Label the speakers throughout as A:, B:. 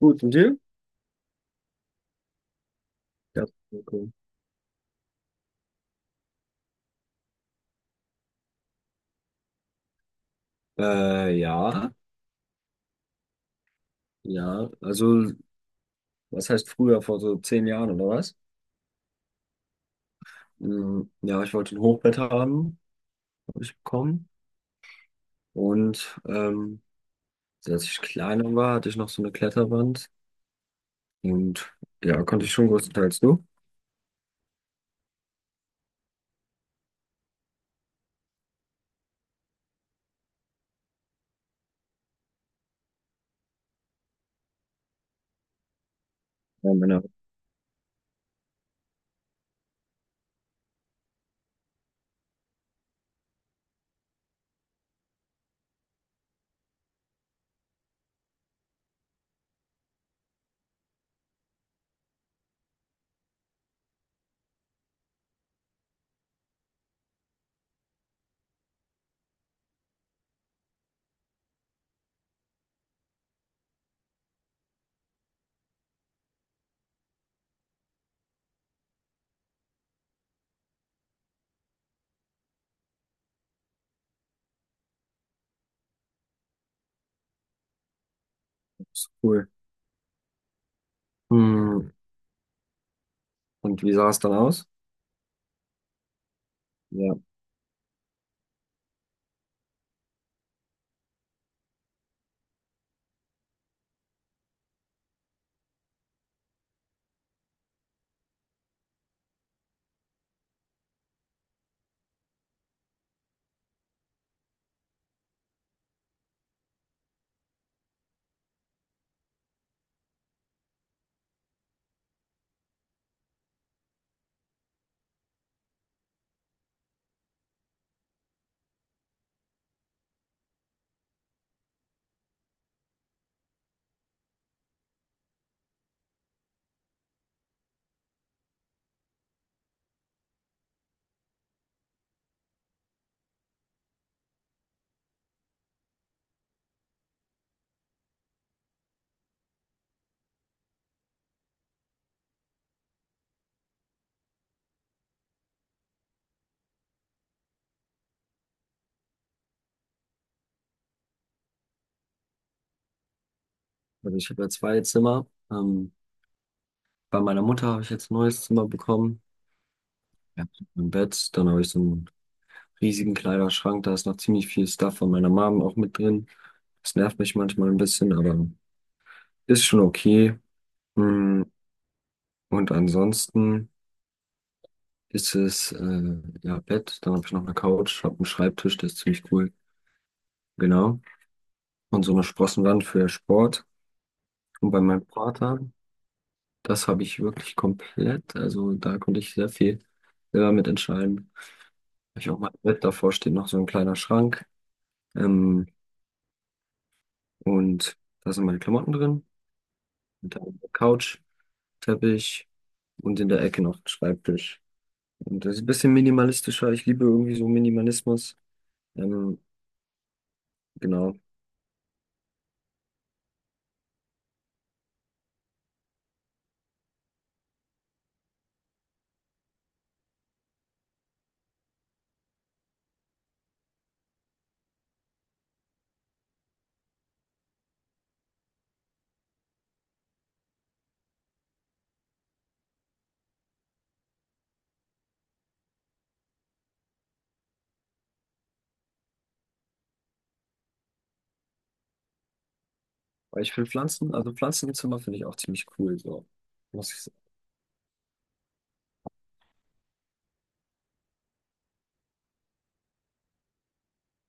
A: Gut, und dir? Ja. Okay. Ja, ja, also, was heißt früher, vor so 10 Jahren oder was? Ja, ich wollte ein Hochbett haben, habe ich bekommen. Und als ich kleiner war, hatte ich noch so eine Kletterwand. Und ja, konnte ich schon größtenteils du. Ja, meine Eltern, das ist cool. Hm, und wie sah es dann aus? Ja, also ich habe ja zwei Zimmer. Bei meiner Mutter habe ich jetzt ein neues Zimmer bekommen. Ja, ein Bett, dann habe ich so ein riesigen Kleiderschrank. Da ist noch ziemlich viel Stuff von meiner Mom auch mit drin. Das nervt mich manchmal ein bisschen, aber ist schon okay. Mm. Und ansonsten ist es, ja, Bett. Dann habe ich noch eine Couch, habe einen Schreibtisch, der ist ziemlich cool. Genau. Und so eine Sprossenwand für Sport. Und bei meinem Vater, das habe ich wirklich komplett. Also da konnte ich sehr viel selber mit entscheiden. Hab ich auch mein Bett, davor steht noch so ein kleiner Schrank. Ähm, und da sind meine Klamotten drin. Und dann eine Couch. Teppich und in der Ecke noch ein Schreibtisch. Und das ist ein bisschen minimalistischer. Ich liebe irgendwie so Minimalismus. Ähm, genau. Aber ich finde Pflanzen, also Pflanzen im Zimmer finde ich auch ziemlich cool. So. Muss ich sagen.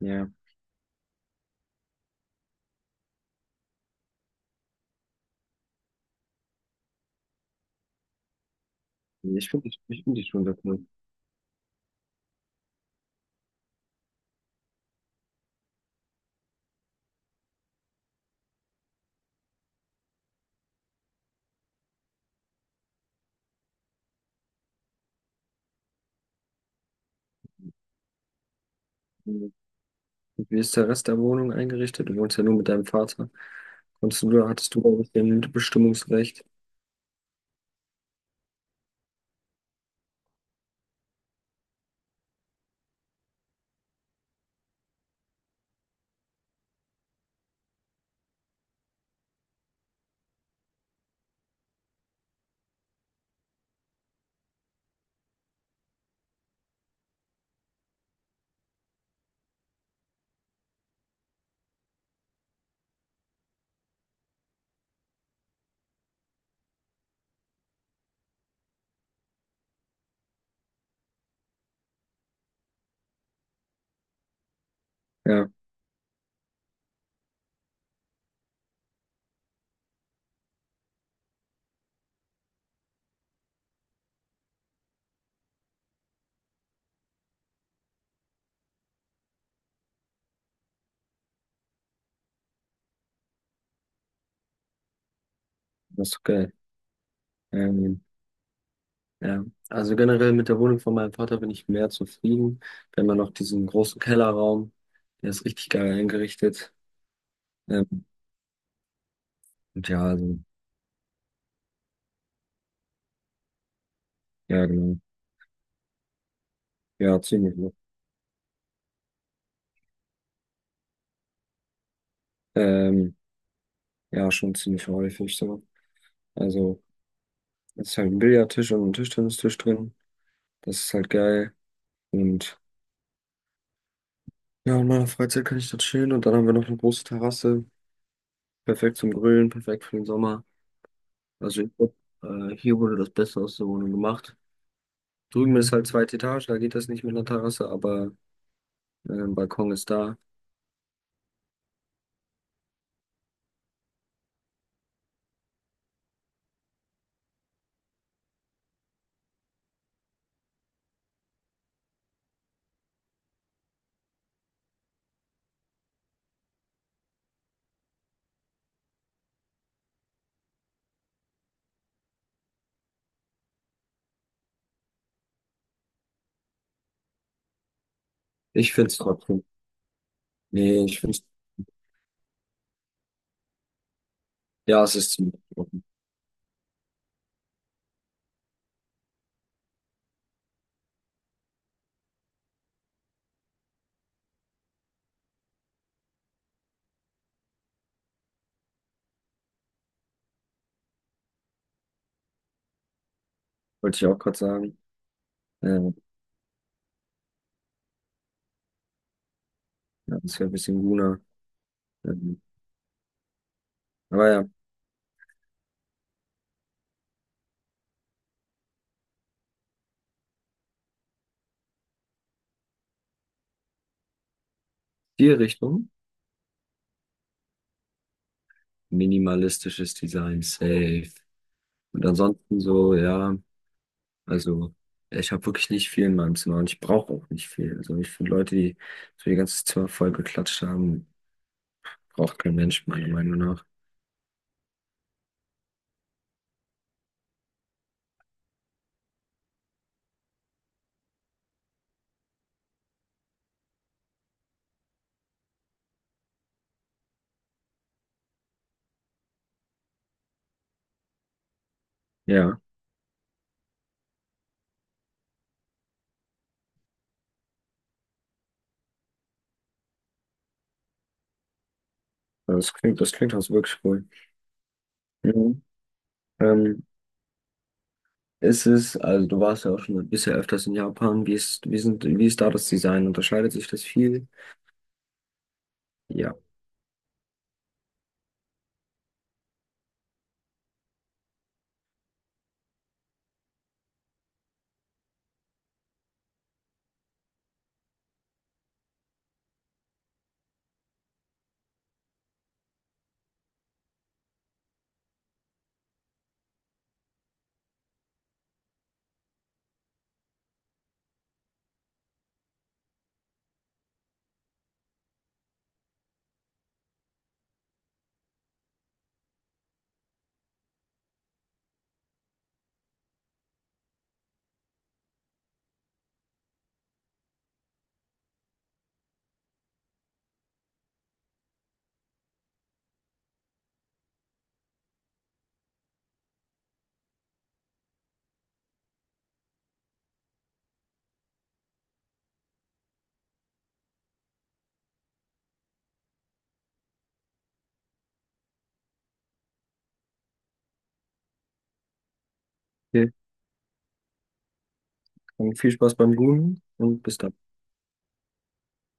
A: Ja, ich finde ich, ich find die schon sehr cool. Und wie ist der Rest der Wohnung eingerichtet? Du wohnst ja nur mit deinem Vater. Konntest du, hattest du auch ein bisschen Bestimmungsrecht? Ja, das ist geil. Ähm, Ja, also generell mit der Wohnung von meinem Vater bin ich mehr zufrieden. Wir haben ja noch diesen großen Kellerraum, der ist richtig geil eingerichtet. Ähm, und ja, also, ja, genau. Ja, ziemlich. Ne? Ähm, ja, schon ziemlich häufig so. Also, es ist halt ein Billardtisch und ein Tischtennistisch drin. Das ist halt geil. Und ja, in meiner Freizeit kann ich dort chillen. Und dann haben wir noch eine große Terrasse. Perfekt zum Grillen, perfekt für den Sommer. Also, ich glaub, hier wurde das Beste aus der Wohnung gemacht. Drüben ist halt zweite Etage, da geht das nicht mit einer Terrasse, aber Balkon ist da. Ich find's trotzdem. Nee, ich find's ja, es ist ziemlich offen. Wollte ich auch gerade sagen. Ähm, ja, das wäre ein bisschen grüner. Ähm, aber ja, die Richtung. Minimalistisches Design, safe. Und ansonsten so, ja, also ich habe wirklich nicht viel in meinem Zimmer und ich brauche auch nicht viel. Also ich finde Leute, die so ihr ganzes Zimmer voll geklatscht haben, braucht kein Mensch, meiner Meinung nach. Ja, das klingt auch so wirklich cool. Mhm. Ähm, ist es, also du warst ja auch schon bisher öfters in Japan. Wie ist, wie sind, wie ist da das Design? Unterscheidet sich das viel? Ja. Okay. Dann viel Spaß beim Googlen und bis dann.